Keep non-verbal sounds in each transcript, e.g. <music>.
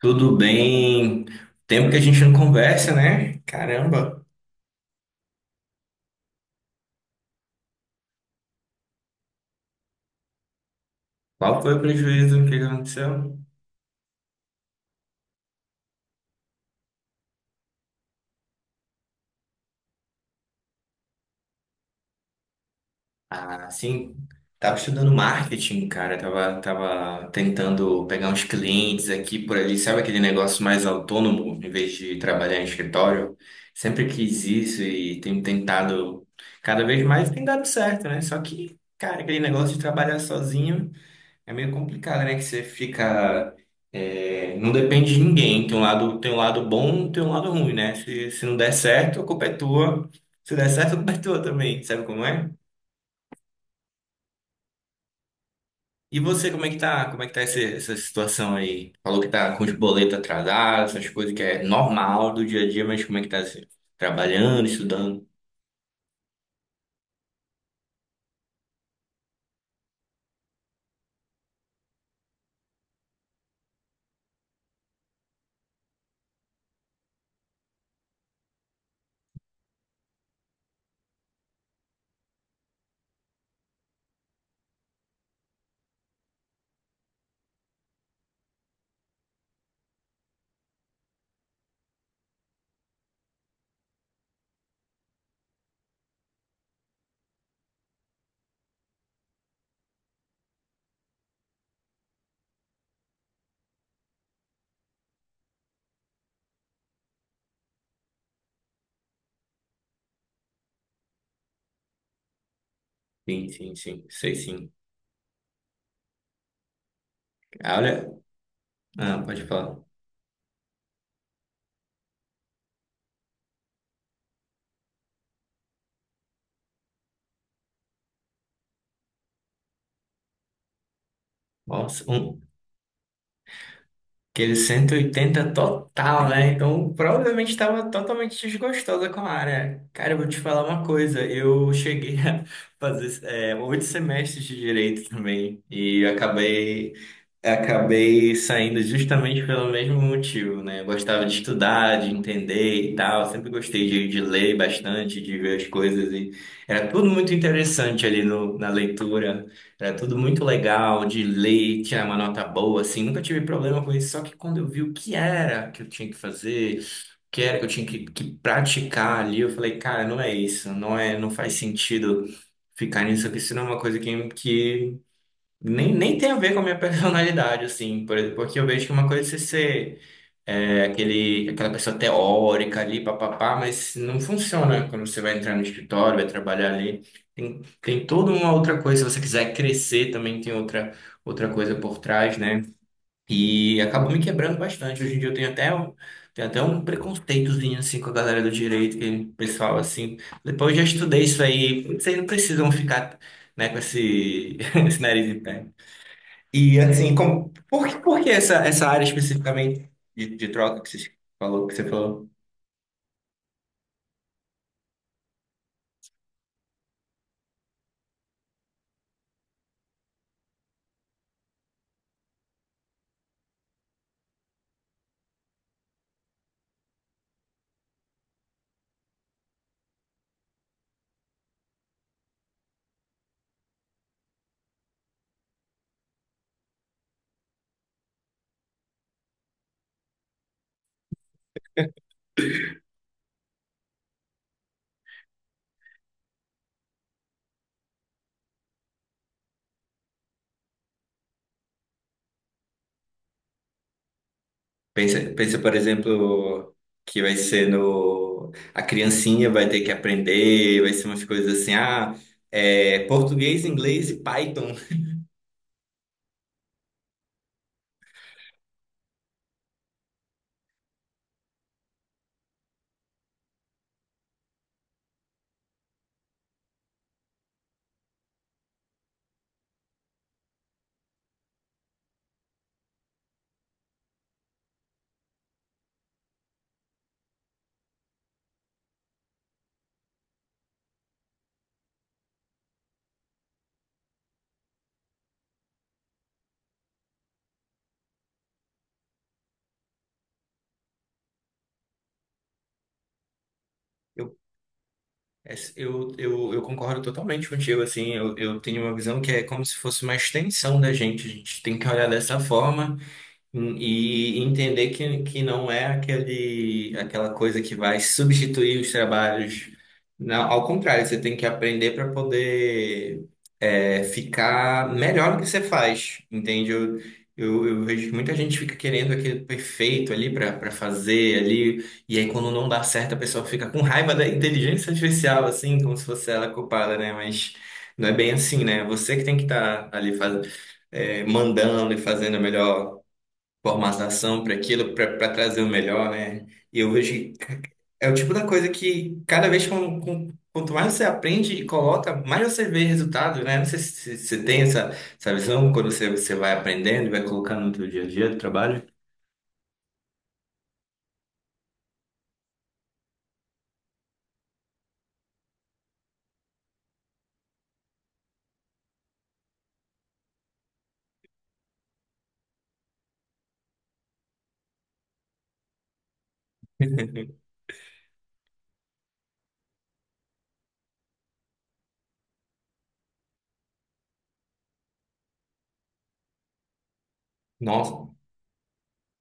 Tudo bem? Tempo que a gente não conversa, né? Caramba, qual foi o prejuízo? O que que aconteceu? Ah, sim. Tava estudando marketing, cara. Tava tentando pegar uns clientes aqui por ali. Sabe aquele negócio mais autônomo, em vez de trabalhar em escritório? Sempre quis isso e tenho tentado cada vez mais, tem dado certo, né? Só que, cara, aquele negócio de trabalhar sozinho. É meio complicado, né? Que você fica. É, não depende de ninguém. Tem um lado bom, tem um lado ruim, né? Se não der certo, a culpa é tua. Se der certo, a culpa é tua também. Sabe como é? E você, como é que tá? Como é que tá essa situação aí? Falou que tá com os boletos atrasados, essas coisas que é normal do dia a dia, mas como é que tá assim? Trabalhando, estudando? Sim, sim, sim. Sei sim. Ah, olha. Ah, pode falar. Nossa. Aquele 180 total, né? Então, provavelmente estava totalmente desgostosa com a área. Cara, eu vou te falar uma coisa. Eu cheguei a <laughs> fazer 8 semestres de direito também e eu acabei saindo justamente pelo mesmo motivo, né? Eu gostava de estudar, de entender e tal. Sempre gostei de ler bastante, de ver as coisas. E era tudo muito interessante ali no, na leitura. Era tudo muito legal de ler, tirar uma nota boa, assim. Nunca tive problema com isso. Só que quando eu vi o que era que eu tinha que fazer, o que era que eu tinha que praticar ali, eu falei, cara, não é isso. Não é, não faz sentido ficar nisso aqui. Isso não é uma coisa que nem tem a ver com a minha <laughs> personalidade, assim, por exemplo, porque eu vejo que uma coisa é você ser aquela pessoa teórica ali, papapá, mas não funciona quando você vai entrar no escritório, vai trabalhar ali. Tem toda uma outra coisa, se você quiser crescer também tem outra coisa por trás, né? E acabou me quebrando bastante. Hoje em dia eu tenho até um preconceitozinho, assim, com a galera do direito, que o pessoal, assim, depois eu já estudei isso aí, vocês não precisam ficar, né, com esse, <laughs> esse nariz em pé. E assim, como, por que essa área especificamente de troca que você falou? Pensa, por exemplo, que vai ser no... A criancinha vai ter que aprender, vai ser umas coisas assim, português, inglês e Python. Eu, eu concordo totalmente contigo, assim, eu tenho uma visão que é como se fosse uma extensão da gente, a gente tem que olhar dessa forma e entender que não é aquela coisa que vai substituir os trabalhos. Não, ao contrário, você tem que aprender para poder ficar melhor no que você faz, entende? Eu vejo que muita gente fica querendo aquele perfeito ali para fazer ali, e aí quando não dá certo a pessoa fica com raiva da inteligência artificial, assim, como se fosse ela culpada, né? Mas não é bem assim, né? Você que tem que estar ali fazendo, mandando e fazendo a melhor formatação para aquilo, para trazer o melhor, né? E eu vejo que é o tipo da coisa que cada vez quanto mais você aprende e coloca, mais você vê resultado, né? Não sei se você tem essa, essa visão quando você vai aprendendo e vai colocando no seu dia a dia do trabalho. Nossa,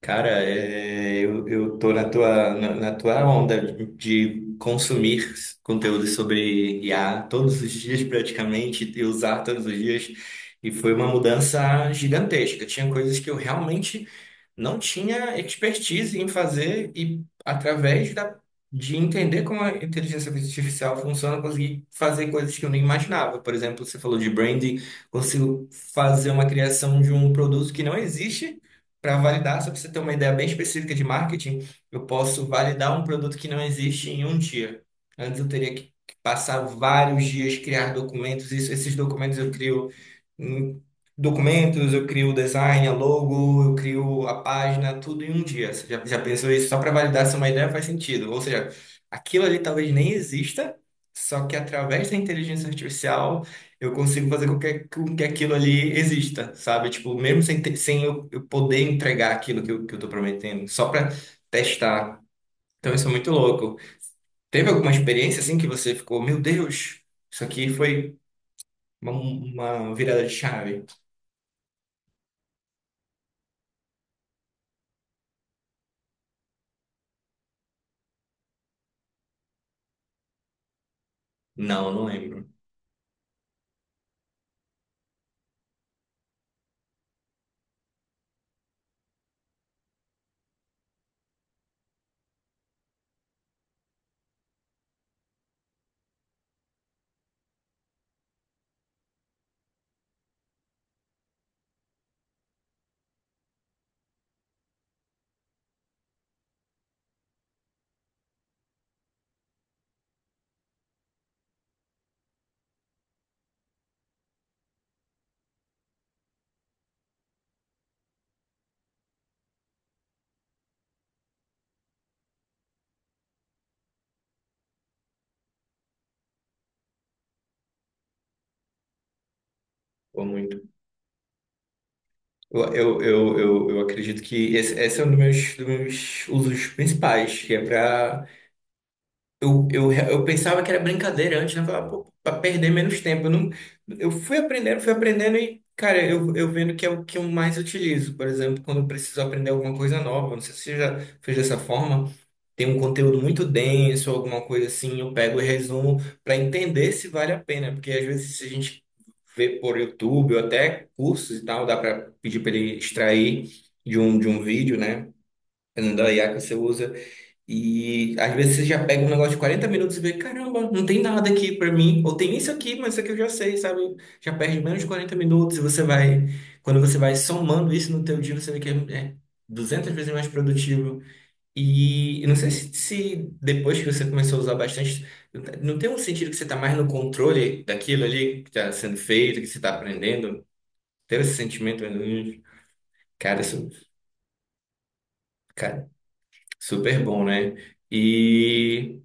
cara, eu tô na tua onda de consumir conteúdo sobre IA todos os dias praticamente e usar todos os dias. E foi uma mudança gigantesca. Tinha coisas que eu realmente não tinha expertise em fazer e através de entender como a inteligência artificial funciona, eu consegui fazer coisas que eu nem imaginava. Por exemplo, você falou de branding, consigo fazer uma criação de um produto que não existe para validar, só para você ter uma ideia bem específica de marketing, eu posso validar um produto que não existe em um dia. Antes eu teria que passar vários dias, criar documentos, isso, esses hum, documentos, eu crio o design, a logo, eu crio a página, tudo em um dia. Você já pensou isso? Só para validar se uma ideia faz sentido. Ou seja, aquilo ali talvez nem exista, só que através da inteligência artificial eu consigo fazer com que aquilo ali exista, sabe? Tipo, mesmo sem eu poder entregar aquilo que eu tô prometendo, só para testar. Então isso é muito louco. Teve alguma experiência assim que você ficou, meu Deus, isso aqui foi uma virada de chave? Não, não lembro. Pô, muito. Eu acredito que esse é um dos meus usos principais, que é para eu pensava que era brincadeira antes, né? Eu falava, pô, pra perder menos tempo. Não, eu fui aprendendo e, cara, eu vendo que é o que eu mais utilizo. Por exemplo, quando eu preciso aprender alguma coisa nova, não sei se você já fez dessa forma, tem um conteúdo muito denso, alguma coisa assim, eu pego e resumo para entender se vale a pena. Porque às vezes se a gente vê por YouTube ou até cursos e tal, dá para pedir para ele extrair de um vídeo, né? Dependendo da IA que você usa. E às vezes você já pega um negócio de 40 minutos e vê, caramba, não tem nada aqui pra mim. Ou tem isso aqui, mas isso aqui eu já sei, sabe? Já perde menos de 40 minutos e você vai, quando você vai somando isso no teu dia, você vê que é 200 vezes mais produtivo. E eu não sei se depois que você começou a usar bastante, não tem um sentido que você tá mais no controle daquilo ali que tá sendo feito, que você tá aprendendo? Ter esse sentimento, mais ou menos? Cara, isso, cara, super bom, né? E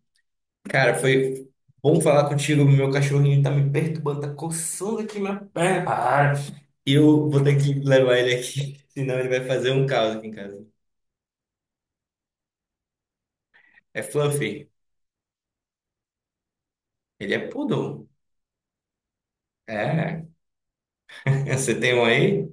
cara, foi bom falar contigo. Meu cachorrinho tá me perturbando, tá coçando aqui minha perna. Ah, eu vou ter que levar ele aqui, <laughs> senão ele vai fazer um caos aqui em casa. É Fluffy. Ele é poodle. É. <laughs> Você tem um aí?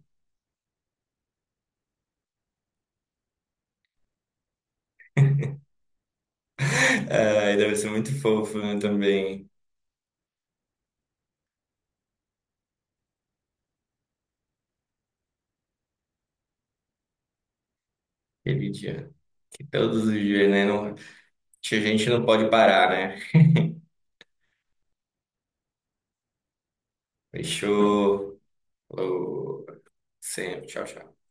<laughs> Ah, ele deve ser muito fofo, né, também. Aquele dia. Que todos os dias, né? Não, a gente não pode parar, né? Fechou. Falou. Sempre. Tchau, tchau.